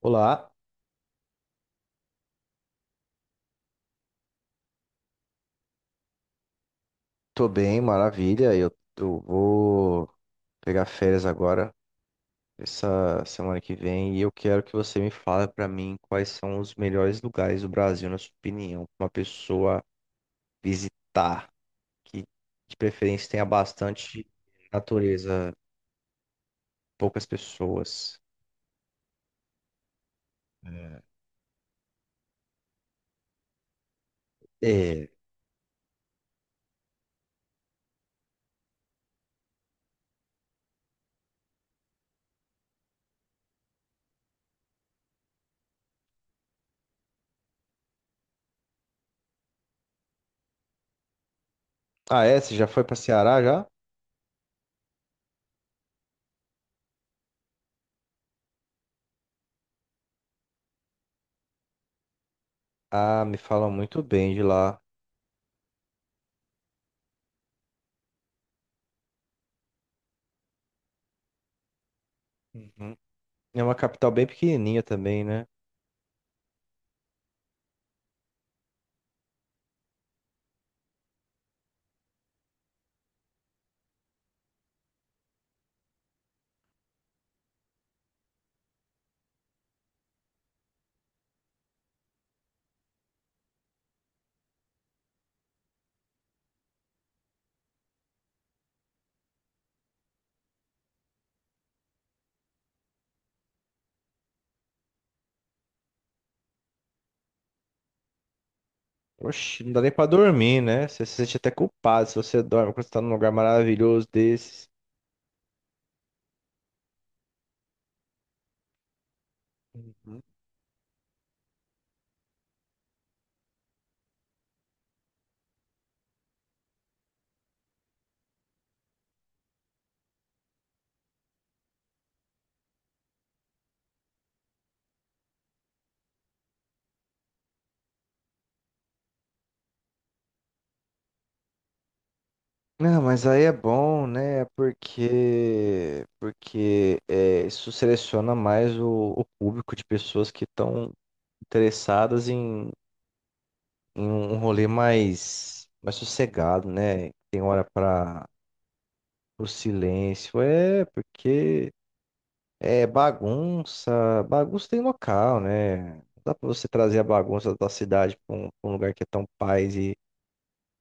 Olá, tô bem, maravilha. Eu vou pegar férias agora, essa semana que vem, e eu quero que você me fale pra mim quais são os melhores lugares do Brasil, na sua opinião, pra uma pessoa visitar, que de preferência tenha bastante natureza, poucas pessoas. É. É. Ah, é? Você já foi pra Ceará já? Ah, me falam muito bem de lá. Uhum. É uma capital bem pequenininha também, né? Oxe, não dá nem pra dormir, né? Você se sente até culpado se você dorme quando você tá num lugar maravilhoso desses. Uhum. Não, mas aí é bom, né? Porque é, isso seleciona mais o público de pessoas que estão interessadas em um rolê mais sossegado, né? Tem hora para o silêncio. É, porque É, bagunça. Bagunça tem local, né? Não dá pra você trazer a bagunça da cidade pra um, lugar que é tão paz e,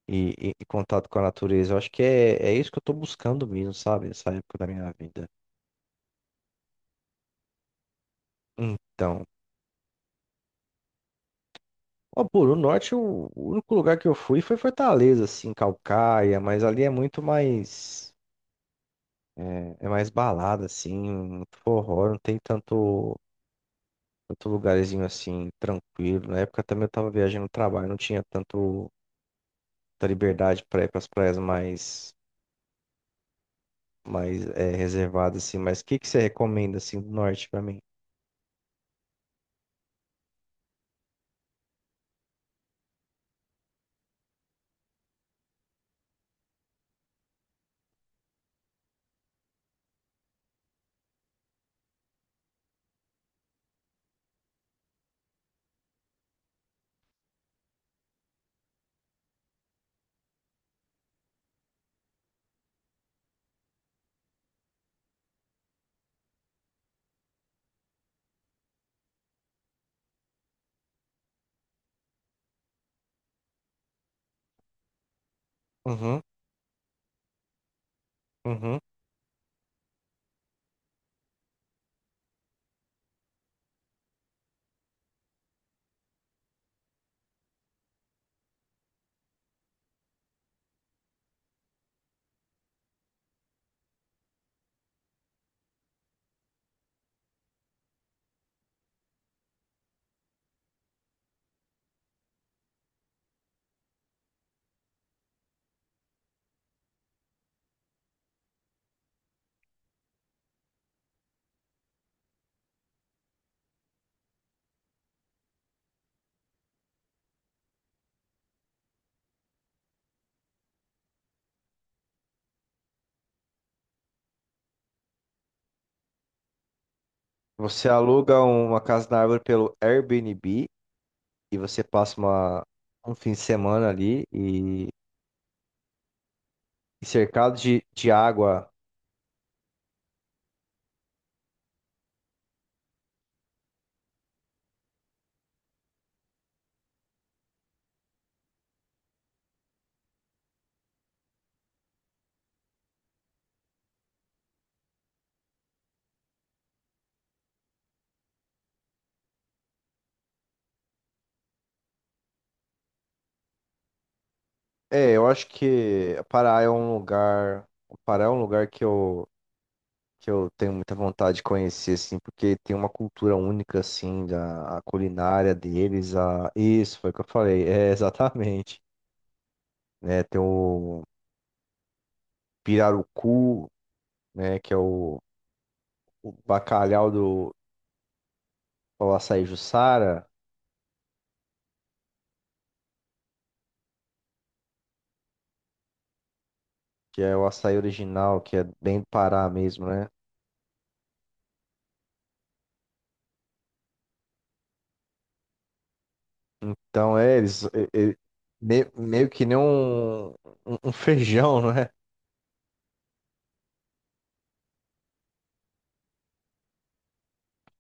e, e- e contato com a natureza. Eu acho que é isso que eu tô buscando mesmo, sabe? Nessa época da minha vida. Então. Ó, por o norte, o único lugar que eu fui foi Fortaleza, assim, Calcaia, mas ali é muito mais. É, é mais balada, assim, muito forró, não tem tanto lugarzinho assim, tranquilo. Na época também eu tava viajando no trabalho, não tinha tanto. Da liberdade para ir para as praias mais reservadas, assim. Mas o que que você recomenda, assim, do norte para mim? Uhum, uhum. Você aluga uma casa na árvore pelo Airbnb e você passa um fim de semana ali e cercado de água. É, eu acho que Pará é um lugar que eu tenho muita vontade de conhecer, assim, porque tem uma cultura única, assim, da a culinária deles, isso, foi o que eu falei, é, exatamente. Né? Tem o pirarucu, né? Que é o bacalhau do o açaí Jussara, que é o açaí original, que é bem do Pará mesmo, né? Então, eles, meio que nem um feijão, né?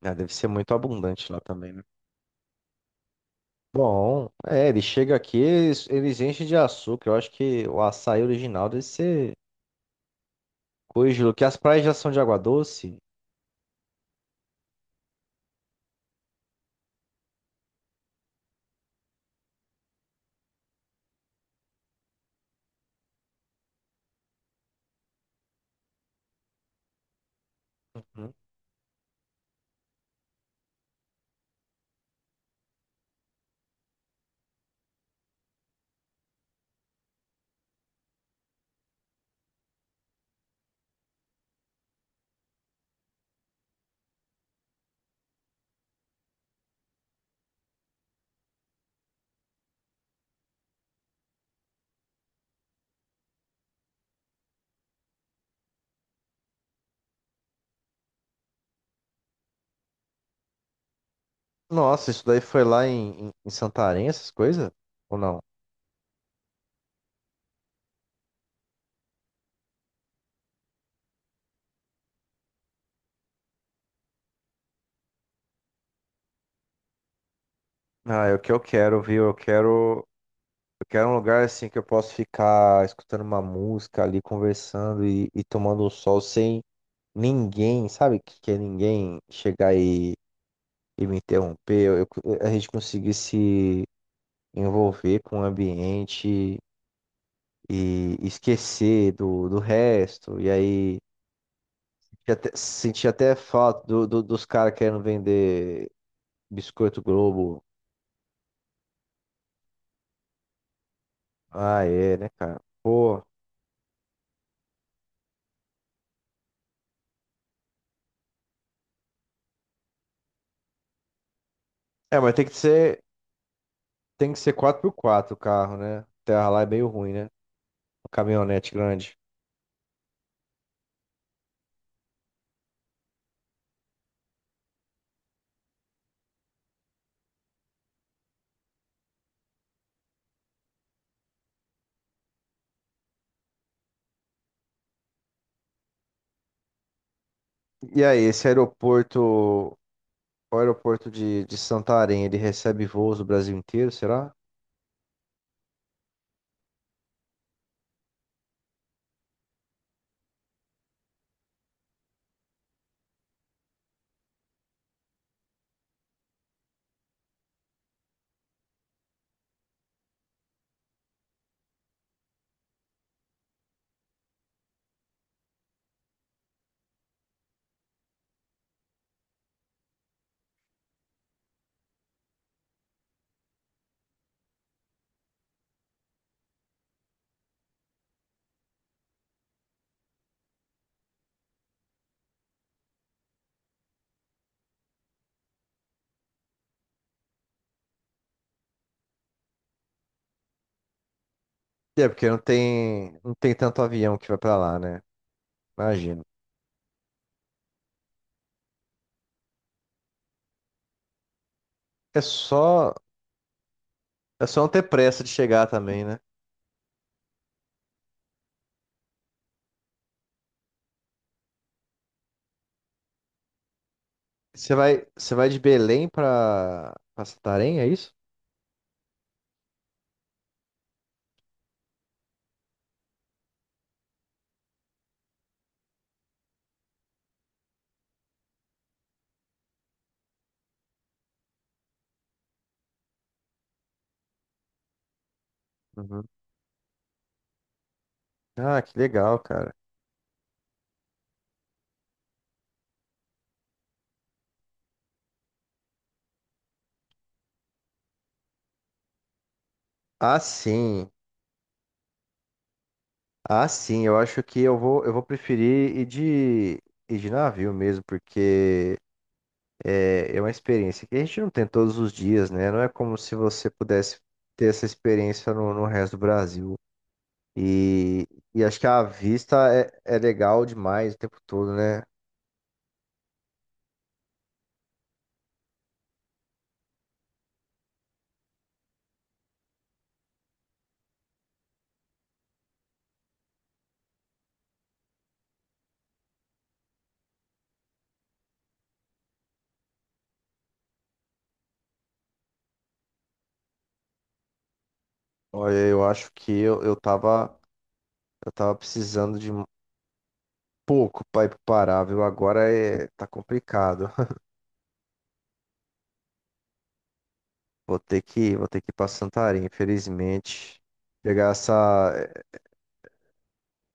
Ah, deve ser muito abundante lá também, né? Bom, é, ele chega aqui, eles enchem de açúcar. Eu acho que o açaí original deve ser coisa de louco, que as praias já são de água doce. Uhum. Nossa, isso daí foi lá em Santarém, essas coisas? Ou não? Ah, é o que eu quero, viu? Eu quero um lugar assim que eu posso ficar escutando uma música ali, conversando e tomando o sol sem ninguém, sabe? Que é ninguém chegar e me interromper. A gente conseguir se envolver com o ambiente e esquecer do resto. E aí, senti até falta dos caras querendo vender biscoito Globo. Ah, é, né, cara? Pô. É, mas tem que ser quatro por quatro o carro, né? Terra lá é meio ruim, né? Caminhonete grande. E aí, o aeroporto de Santarém, ele recebe voos do Brasil inteiro, será? É, porque não tem tanto avião que vai pra lá, né? Imagino. É só, é só não ter pressa de chegar também, né? Você vai de Belém pra, Santarém, é isso? Uhum. Ah, que legal, cara. Ah, sim. Ah, sim, eu acho que eu vou preferir ir de navio mesmo, porque é uma experiência que a gente não tem todos os dias, né? Não é como se você pudesse ter essa experiência no resto do Brasil. E, e acho que a vista é legal demais o tempo todo, né? Olha, eu acho que eu tava precisando de um pouco para ir pro Pará, viu? Agora é, tá complicado. Vou ter que ir pra Santarém, infelizmente. Pegar essa.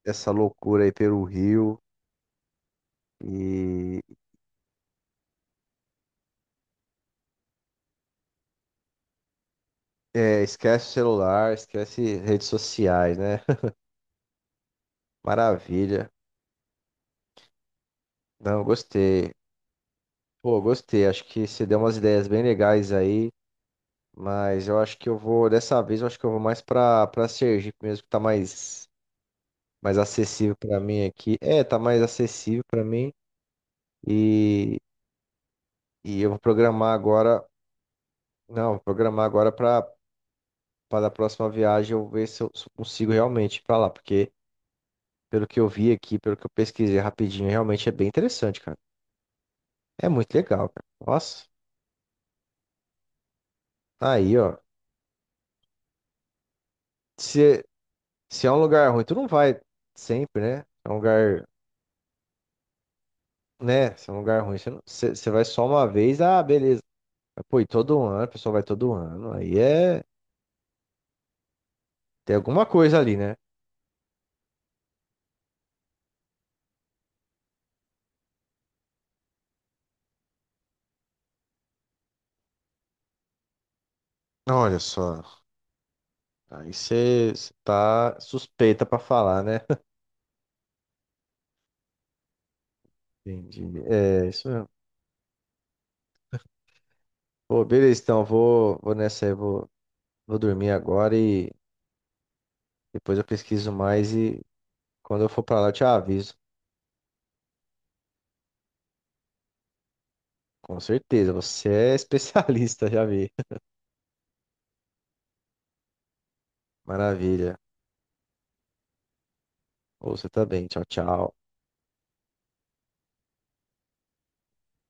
Essa loucura aí pelo Rio. E esquece o celular, esquece redes sociais, né? Maravilha. Não, gostei. Pô, gostei. Acho que você deu umas ideias bem legais aí. Mas eu acho que eu vou, dessa vez, eu acho que eu vou mais pra Sergipe mesmo, que tá mais acessível pra mim aqui. É, tá mais acessível pra mim. E, e eu vou programar agora. Não, vou programar agora pra, pra da próxima viagem eu ver se eu consigo realmente ir pra lá, porque. Pelo que eu vi aqui, pelo que eu pesquisei rapidinho, realmente é bem interessante, cara. É muito legal, cara. Nossa. Tá aí, ó. Se, se é um lugar ruim, tu não vai sempre, né? É um lugar, né? Se é um lugar ruim, você, não- você- você vai só uma vez, ah, beleza. Mas, pô, e todo ano, a pessoa vai todo ano. Aí é. Tem alguma coisa ali, né? Olha só. Aí você tá suspeita pra falar, né? Entendi. É, isso mesmo. Pô, beleza, então, eu vou nessa aí, vou dormir agora e depois eu pesquiso mais e quando eu for pra lá, eu te aviso. Com certeza, você é especialista, já vi. Maravilha. Ou você também. Tchau, tchau.